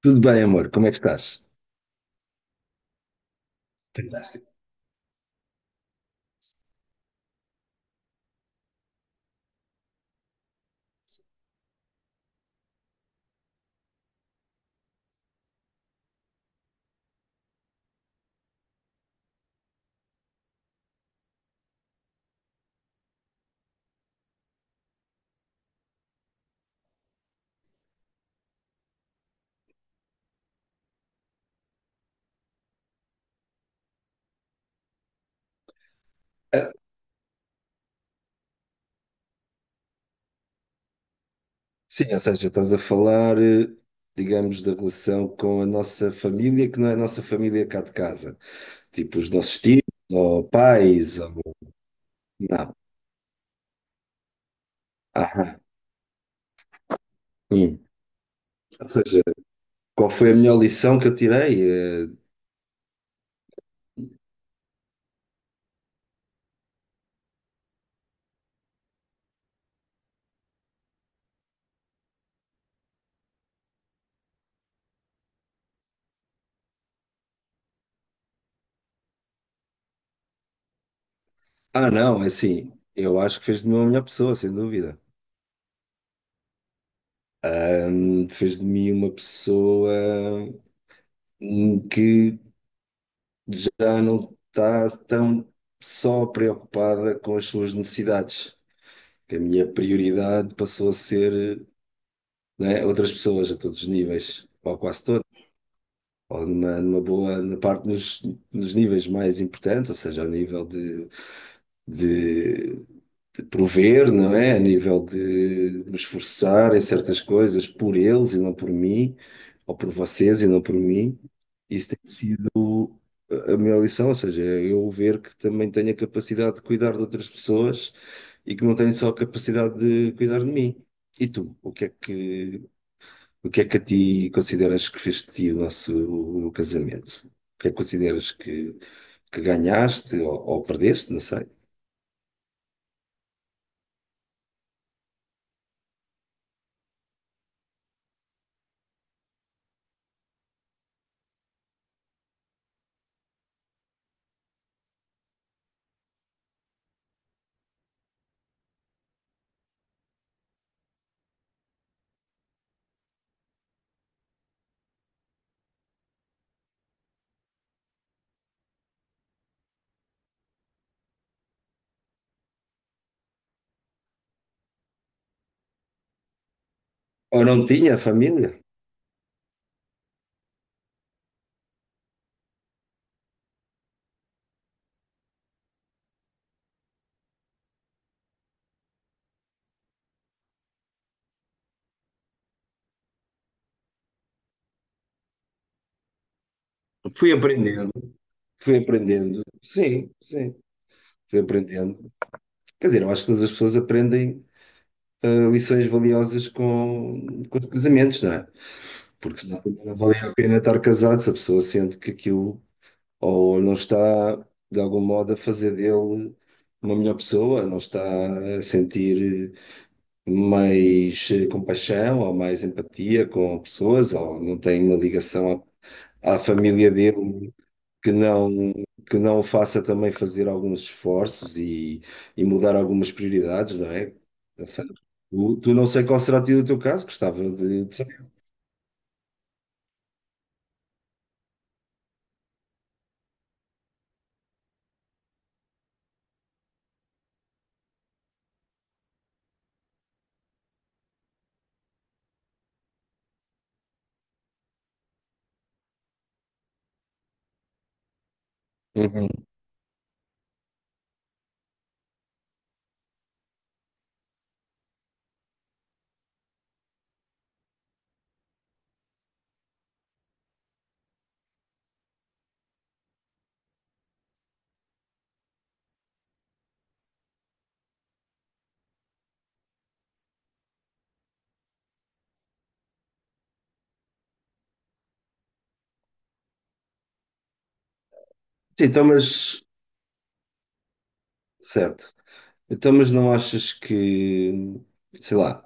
Tudo bem, amor, como é que estás? Fantástico. Ah, sim, ou seja, estás a falar, digamos, da relação com a nossa família, que não é a nossa família cá de casa. Tipo, os nossos tios, ou pais, ou... Não. Aham. Hum. Ou seja, qual foi a melhor lição que eu tirei? Eh, ah, não, é assim, eu acho que fez de mim uma melhor pessoa, sem dúvida. Fez de mim uma pessoa que já não está tão só preocupada com as suas necessidades. Que a minha prioridade passou a ser, né, outras pessoas a todos os níveis, ou quase todos, ou numa boa na parte nos níveis mais importantes, ou seja, ao nível de, de prover, não é? A nível de me esforçar em certas coisas por eles e não por mim, ou por vocês e não por mim. Isso tem sido a minha lição, ou seja, eu ver que também tenho a capacidade de cuidar de outras pessoas e que não tenho só a capacidade de cuidar de mim. E tu, o que é que a ti consideras que fez de ti o nosso o casamento? O que é que consideras que ganhaste ou perdeste, não sei? Ou não tinha família? Fui aprendendo, fui aprendendo, sim, sim, fui aprendendo. Quer dizer, eu acho que todas as pessoas aprendem ah, lições valiosas com os casamentos, não é? Porque senão também não valia a pena estar casado se a pessoa sente que aquilo ou não está, de algum modo, a fazer dele uma melhor pessoa, não está a sentir mais compaixão ou mais empatia com pessoas, ou não tem uma ligação à família dele que não. Que não o faça também fazer alguns esforços e mudar algumas prioridades, não é? Não sei. Tu não sei qual será o teu caso, gostava de saber. Uhum. Sim, então, mas certo. Então, mas não achas que, sei lá,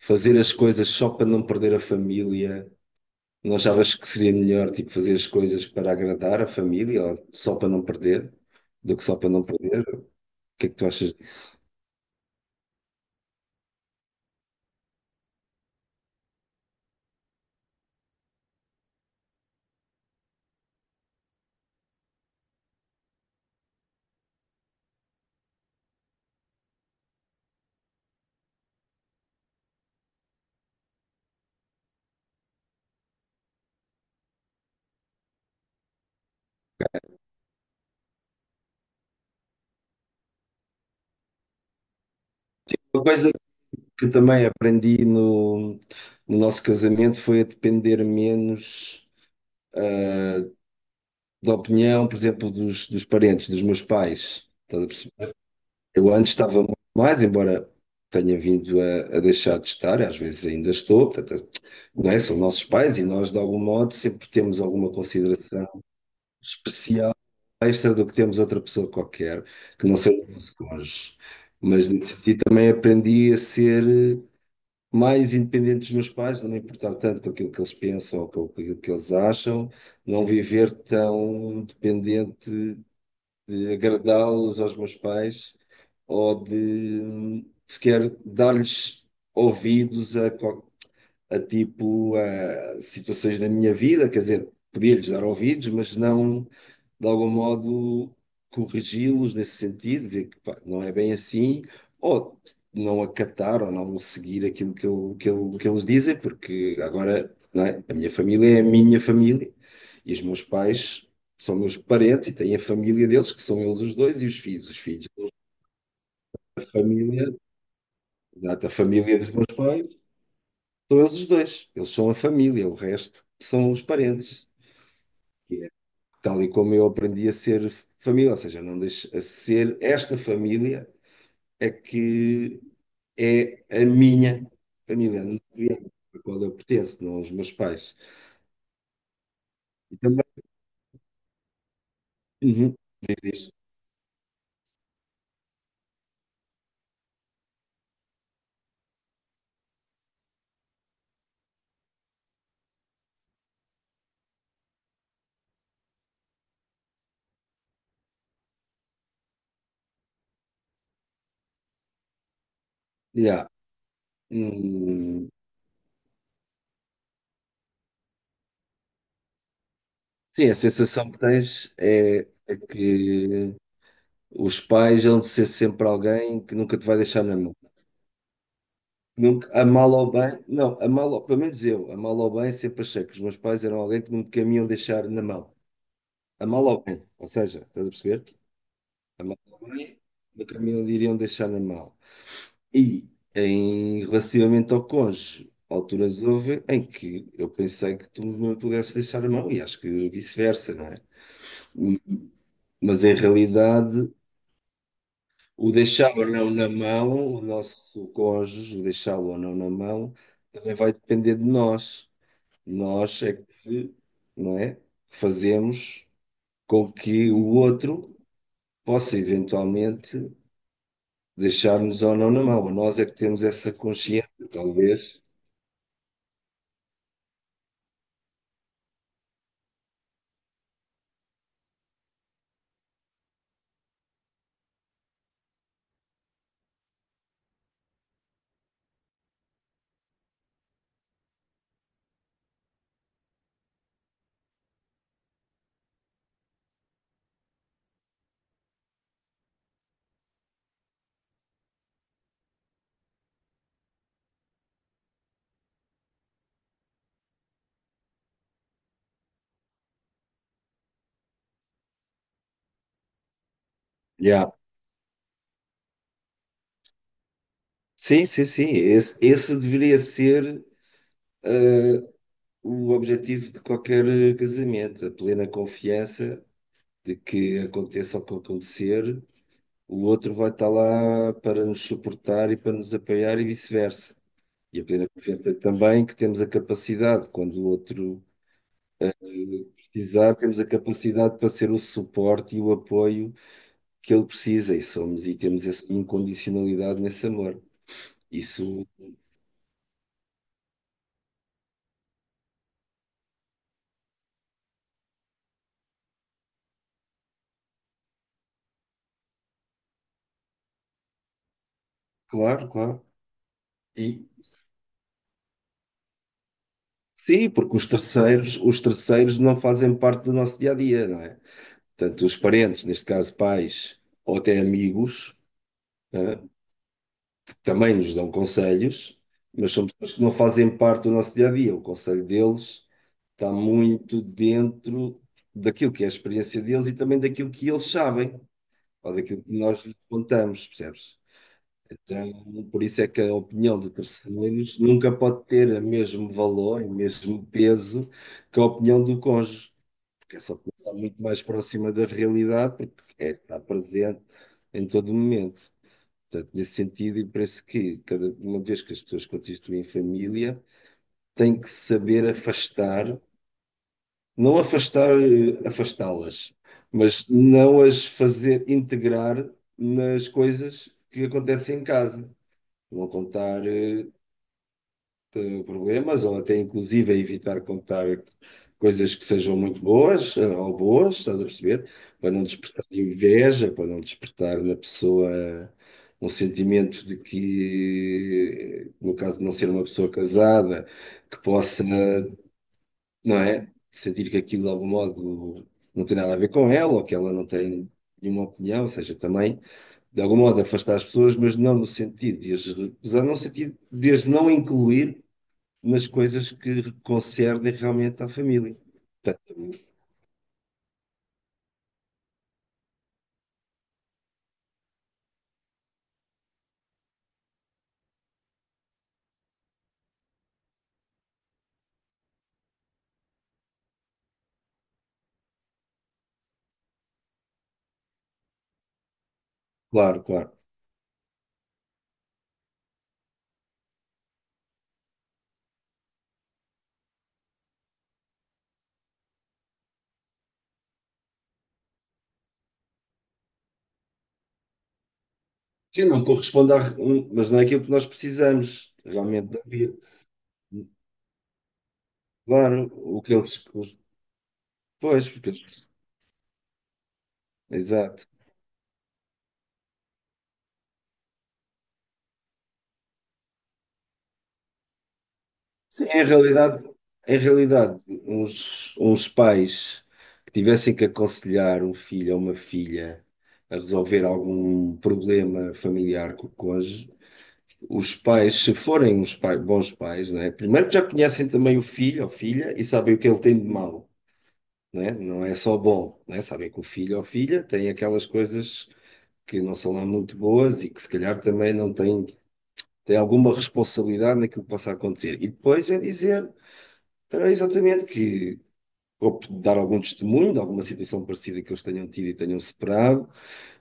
fazer as coisas só para não perder a família. Não achavas que seria melhor, tipo, fazer as coisas para agradar a família, ou só para não perder, do que só para não perder? O que é que tu achas disso? Uma coisa que também aprendi no nosso casamento foi a depender menos da opinião, por exemplo, dos parentes, dos meus pais. Estás a perceber? Eu antes estava muito mais, embora tenha vindo a deixar de estar, às vezes ainda estou, portanto, não é? São nossos pais e nós, de algum modo, sempre temos alguma consideração especial, extra do que temos outra pessoa qualquer, que não seja o nosso cônjuge. Mas nesse sentido também aprendi a ser mais independente dos meus pais, não me importar tanto com aquilo que eles pensam ou com aquilo que eles acham, não viver tão dependente de agradá-los aos meus pais ou de sequer dar-lhes ouvidos a, a tipo a situações da minha vida, quer dizer, podia-lhes dar ouvidos, mas não de algum modo corrigi-los nesse sentido, dizer que pá, não é bem assim, ou não acatar ou não seguir aquilo que eles dizem, porque agora, não é? A minha família é a minha família e os meus pais são meus parentes e têm a família deles, que são eles os dois, e os filhos. Os filhos da família. Exato, a família dos meus pais são eles os dois. Eles são a família, o resto são os parentes. E é tal e como eu aprendi a ser família, ou seja, não deixo a ser esta família é que é a minha família, a qual eu pertenço, não os meus pais. E também, uhum, diz isto. Yeah. Hum, sim, a sensação que tens é que os pais hão de ser sempre alguém que nunca te vai deixar na mão. Nunca, a mal ou bem, não, a mal, pelo menos eu, a mal ou bem, sempre achei que os meus pais eram alguém que nunca me iam deixar na mão. A mal ou bem, ou seja, estás a perceber? A mal ou bem, nunca me iriam deixar na mão. E em, relativamente ao cônjuge, alturas houve em que eu pensei que tu me pudesses deixar a mão, e acho que vice-versa, não é? E- Mas em realidade, o deixar ou não na mão, o nosso cônjuge, o deixá-lo ou não na mão, também vai depender de nós. Nós é que, não é? Fazemos com que o outro possa eventualmente deixar-nos ou não na mão. Nós é que temos essa consciência, talvez. Yeah. Sim, sim, sim. Esse deveria ser eh, o objetivo de qualquer casamento, a plena confiança de que aconteça o que acontecer, o outro vai estar lá para nos suportar e para nos apoiar e vice-versa. E a plena confiança também que temos a capacidade, quando o outro precisar, temos a capacidade para ser o suporte e o apoio que ele precisa e somos e temos essa incondicionalidade nesse amor. Isso, claro, claro. E sim, porque os terceiros não fazem parte do nosso dia a dia, não é? Tanto os parentes, neste caso pais ou até amigos, né, que também nos dão conselhos, mas são pessoas que não fazem parte do nosso dia a dia. O conselho deles está muito dentro daquilo que é a experiência deles e também daquilo que eles sabem. Ou daquilo que nós lhe contamos, percebes? Então, por isso é que a opinião de terceiros nunca pode ter o mesmo valor, o mesmo peso que a opinião do cônjuge, porque essa opinião está muito mais próxima da realidade, porque é, está presente em todo momento. Portanto, nesse sentido, e parece que cada uma vez que as pessoas constituem família, têm que saber afastar não afastar, afastá-las, mas não as fazer integrar nas coisas que acontecem em casa. Não contar problemas, ou até inclusive evitar contar coisas que sejam muito boas ou boas, estás a perceber? Para não despertar inveja, para não despertar na pessoa um sentimento de que, no caso de não ser uma pessoa casada, que possa não é? Sentir que aquilo de algum modo não tem nada a ver com ela ou que ela não tem nenhuma opinião, ou seja, também de algum modo afastar as pessoas, mas não no sentido de as recusar, no sentido de as não incluir nas coisas que concernem realmente à família. Portanto, claro, claro. Sim, não corresponde à, mas não é aquilo que nós precisamos realmente da vida. Claro, o que eles. Pois, porque eles. Exato. Sim, em realidade, uns pais que tivessem que aconselhar um filho ou uma filha a resolver algum problema familiar com o cônjuge, os pais, se forem uns bons pais, né, primeiro já conhecem também o filho ou filha e sabem o que ele tem de mau, né? Não é só bom, né? Sabem que o filho ou filha tem aquelas coisas que não são lá muito boas e que se calhar também não têm, tem alguma responsabilidade naquilo que possa acontecer. E depois é dizer. Então, é exatamente, que ou dar algum testemunho de alguma situação parecida que eles tenham tido e tenham separado,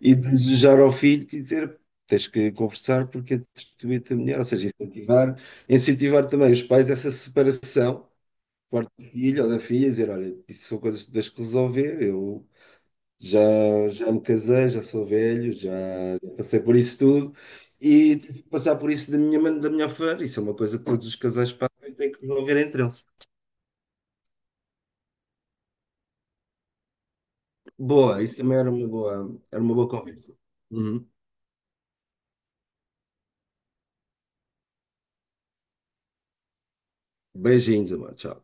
e desejar ao filho que dizer tens que conversar porque é a mulher, ou seja, incentivar, incentivar também os pais essa separação por parte do filho ou da filha, e dizer, olha, isso são coisas que tens que resolver, eu já, já me casei, já sou velho, já, já passei por isso tudo. E tive que passar por isso da minha, da minha maneira, isso é uma coisa que todos os casais passam e têm que resolver entre eles. Boa, isso também era uma boa conversa. Uhum. Beijinhos, amor. Tchau.